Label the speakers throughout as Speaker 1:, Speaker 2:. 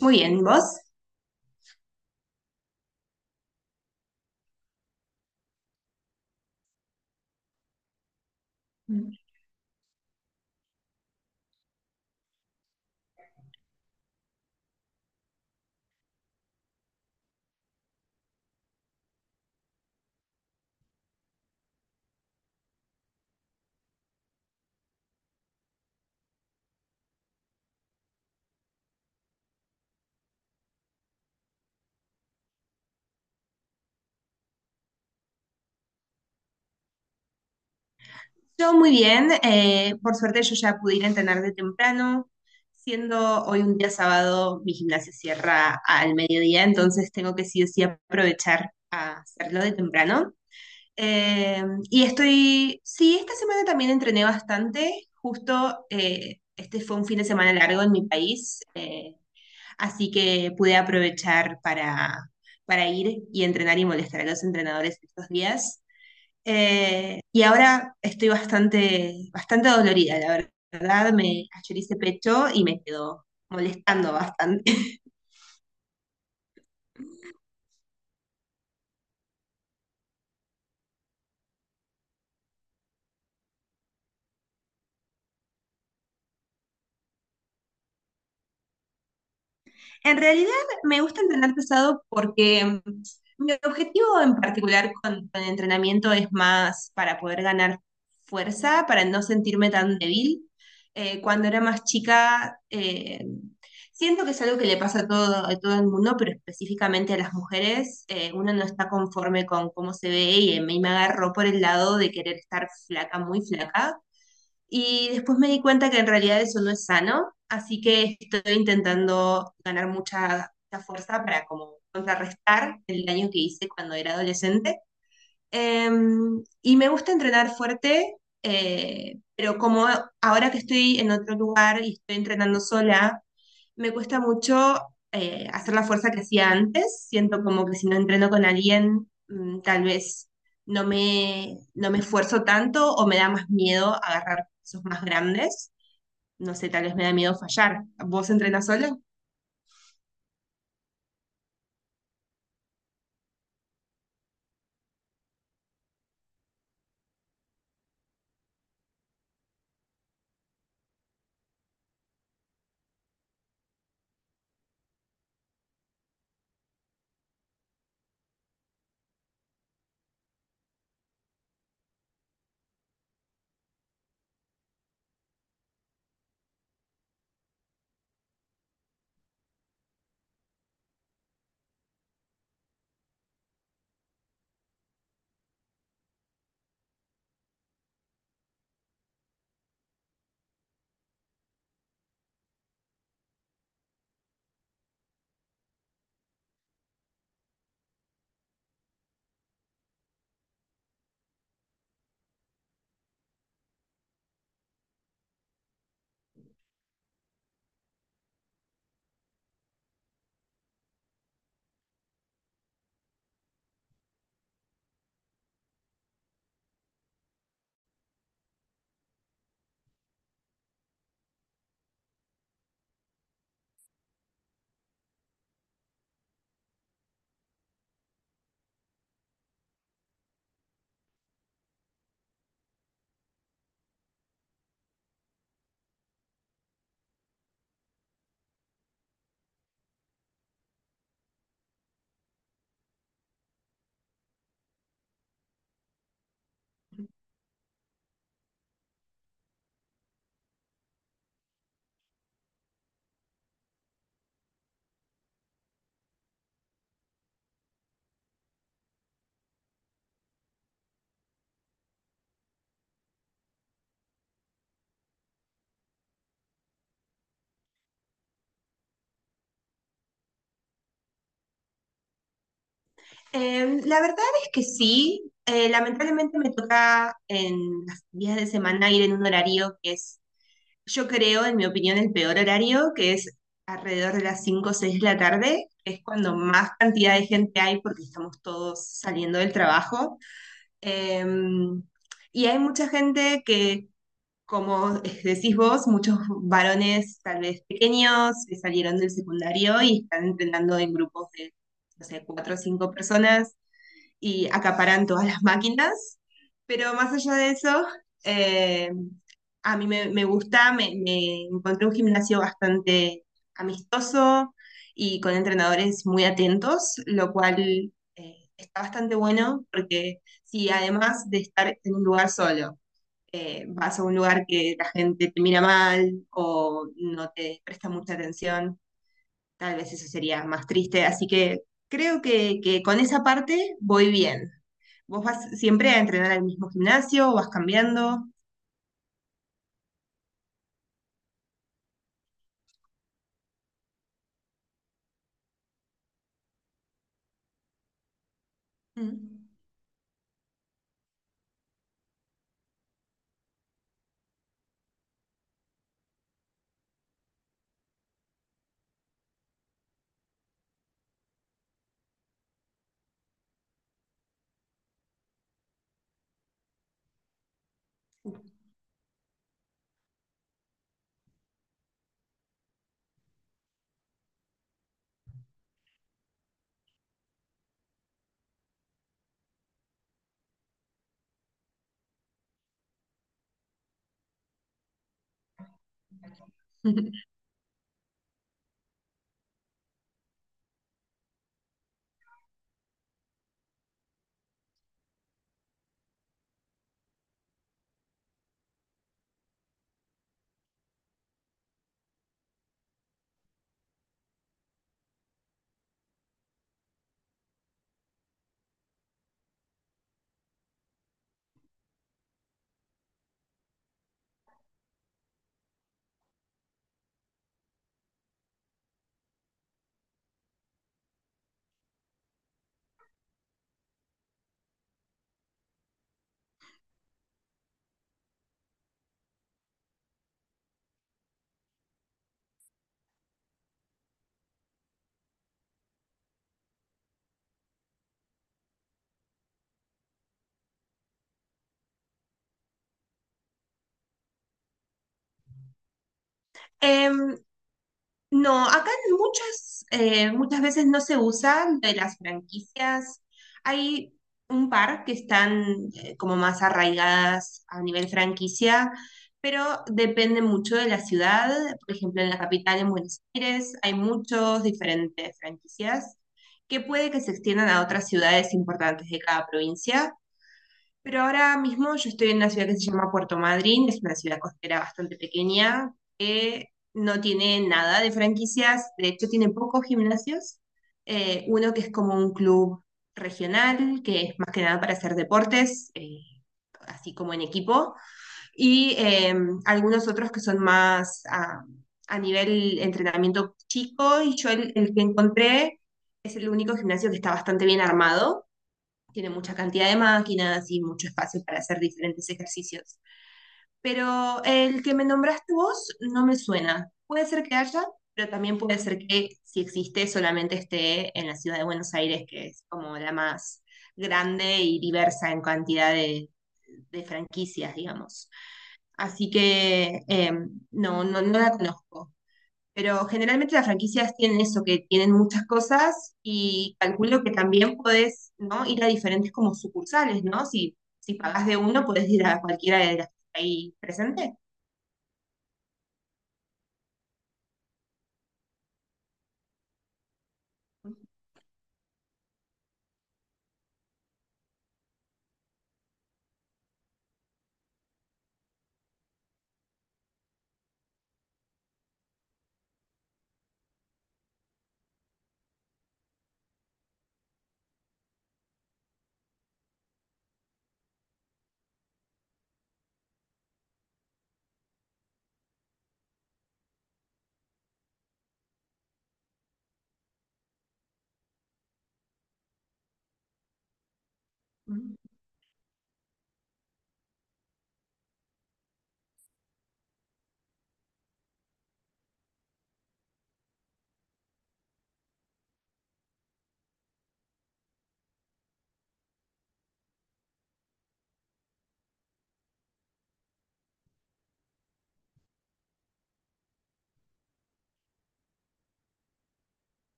Speaker 1: Muy bien, ¿vos? Yo muy bien, por suerte yo ya pude ir a entrenar de temprano, siendo hoy un día sábado, mi gimnasia cierra al mediodía, entonces tengo que sí o sí aprovechar a hacerlo de temprano. Eh, y estoy, sí, esta semana también entrené bastante, justo este fue un fin de semana largo en mi país, así que pude aprovechar para ir y entrenar y molestar a los entrenadores estos días. Y ahora estoy bastante dolorida, la verdad. Me cayó ese pecho y me quedó molestando bastante. En realidad me gusta entrenar pesado porque mi objetivo en particular con el entrenamiento es más para poder ganar fuerza, para no sentirme tan débil. Cuando era más chica, siento que es algo que le pasa a todo el mundo, pero específicamente a las mujeres. Uno no está conforme con cómo se ve y a mí me agarró por el lado de querer estar flaca, muy flaca y después me di cuenta que en realidad eso no es sano, así que estoy intentando ganar mucha fuerza para como contrarrestar el daño que hice cuando era adolescente. Y me gusta entrenar fuerte, pero como ahora que estoy en otro lugar y estoy entrenando sola, me cuesta mucho hacer la fuerza que hacía antes. Siento como que si no entreno con alguien, tal vez no me esfuerzo tanto o me da más miedo agarrar pesos más grandes. No sé, tal vez me da miedo fallar. ¿Vos entrenas sola? La verdad es que sí. Lamentablemente me toca en los días de semana ir en un horario que es, yo creo, en mi opinión, el peor horario, que es alrededor de las 5 o 6 de la tarde, que es cuando más cantidad de gente hay porque estamos todos saliendo del trabajo. Em, y hay mucha gente que, como decís vos, muchos varones tal vez pequeños que salieron del secundario y están entrenando en grupos de, no sé, cuatro o cinco personas y acaparan todas las máquinas, pero más allá de eso, eh, a mí me gusta, me encontré un gimnasio bastante amistoso y con entrenadores muy atentos, lo cual está bastante bueno porque si además de estar en un lugar solo, vas a un lugar que la gente te mira mal o no te presta mucha atención, tal vez eso sería más triste. Así que creo que con esa parte voy bien. ¿Vos vas siempre a entrenar al mismo gimnasio o vas cambiando? Mm. Em, no, acá en muchas, muchas veces no se usan de las franquicias. Hay un par que están como más arraigadas a nivel franquicia, pero depende mucho de la ciudad. Por ejemplo, en la capital, en Buenos Aires, hay muchos diferentes franquicias que puede que se extiendan a otras ciudades importantes de cada provincia. Pero ahora mismo yo estoy en una ciudad que se llama Puerto Madryn, es una ciudad costera bastante pequeña que no tiene nada de franquicias, de hecho tiene pocos gimnasios, uno que es como un club regional, que es más que nada para hacer deportes, así como en equipo, y algunos otros que son más a nivel entrenamiento chico, y yo el que encontré es el único gimnasio que está bastante bien armado, tiene mucha cantidad de máquinas y mucho espacio para hacer diferentes ejercicios. Pero el que me nombraste vos no me suena. Puede ser que haya, pero también puede ser que si existe solamente esté en la ciudad de Buenos Aires, que es como la más grande y diversa en cantidad de franquicias, digamos. Así que no, no, no la conozco. Pero generalmente las franquicias tienen eso, que tienen muchas cosas y calculo que también podés, ¿no? ir a diferentes como sucursales, ¿no? Si, si pagás de uno, podés ir a cualquiera de las que está ahí presente. Mm.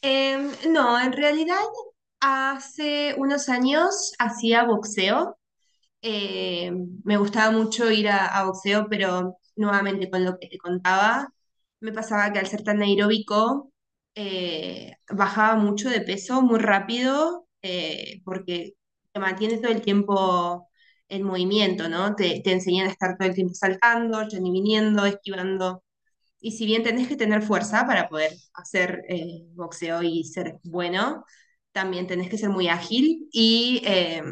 Speaker 1: No, en realidad hace unos años hacía boxeo. Eh, Me gustaba mucho ir a boxeo, pero nuevamente con lo que te contaba, me pasaba que al ser tan aeróbico, bajaba mucho de peso muy rápido, porque te mantienes todo el tiempo en movimiento, ¿no? Te enseñan a estar todo el tiempo saltando, yendo y viniendo, esquivando, y si bien tenés que tener fuerza para poder hacer boxeo y ser bueno, también tenés que ser muy ágil. Y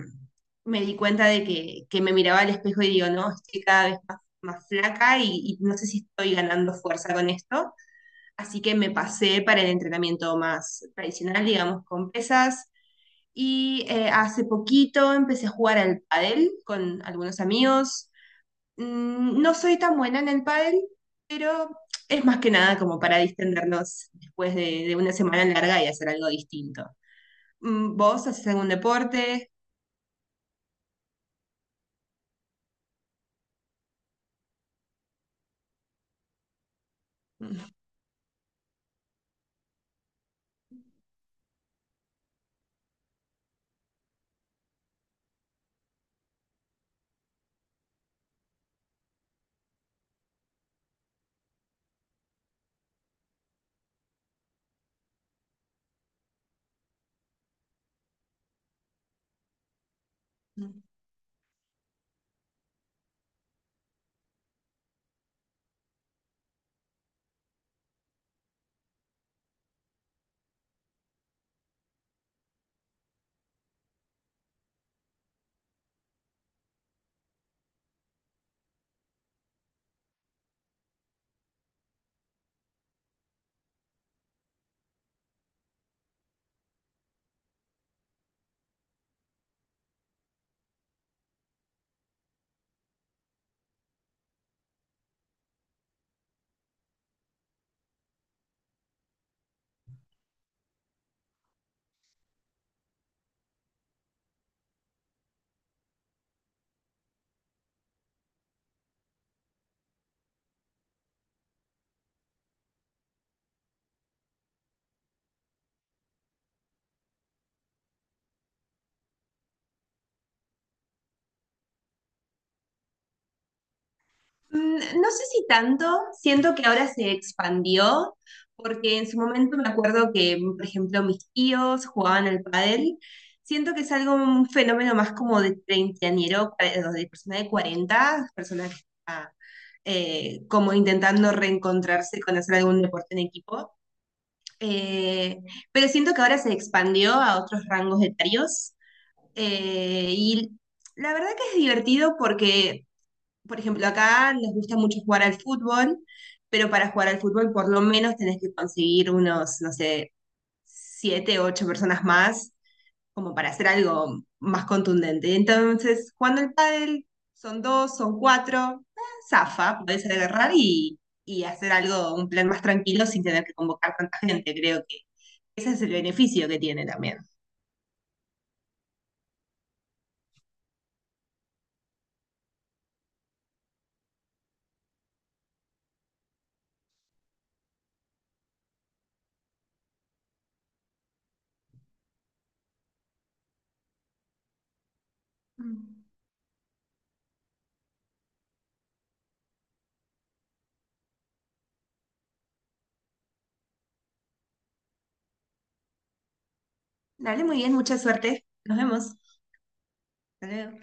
Speaker 1: me di cuenta de que, me miraba al espejo y digo, no, estoy cada vez más, más flaca y no sé si estoy ganando fuerza con esto. Así que me pasé para el entrenamiento más tradicional, digamos, con pesas. Y hace poquito empecé a jugar al pádel con algunos amigos. Mm. No soy tan buena en el pádel, pero es más que nada como para distendernos después de una semana larga y hacer algo distinto. Mm, ¿vos haces algún deporte? Mm. Mm. No sé si tanto, siento que ahora se expandió, porque en su momento me acuerdo que, por ejemplo, mis tíos jugaban al pádel. Siento que es algo, un fenómeno más como de treintañero, de persona de cuarenta, persona que está como intentando reencontrarse con hacer algún deporte en equipo. Eh, pero siento que ahora se expandió a otros rangos etarios. Y la verdad que es divertido porque por ejemplo, acá nos gusta mucho jugar al fútbol, pero para jugar al fútbol por lo menos tenés que conseguir unos, no sé, 7, 8 personas más, como para hacer algo más contundente. Entonces, jugando el pádel, son dos, son cuatro, zafa, podés agarrar y hacer algo, un plan más tranquilo sin tener que convocar tanta gente. Creo que ese es el beneficio que tiene también. Mm. Dale, muy bien, mucha suerte. Nos vemos. Hasta luego.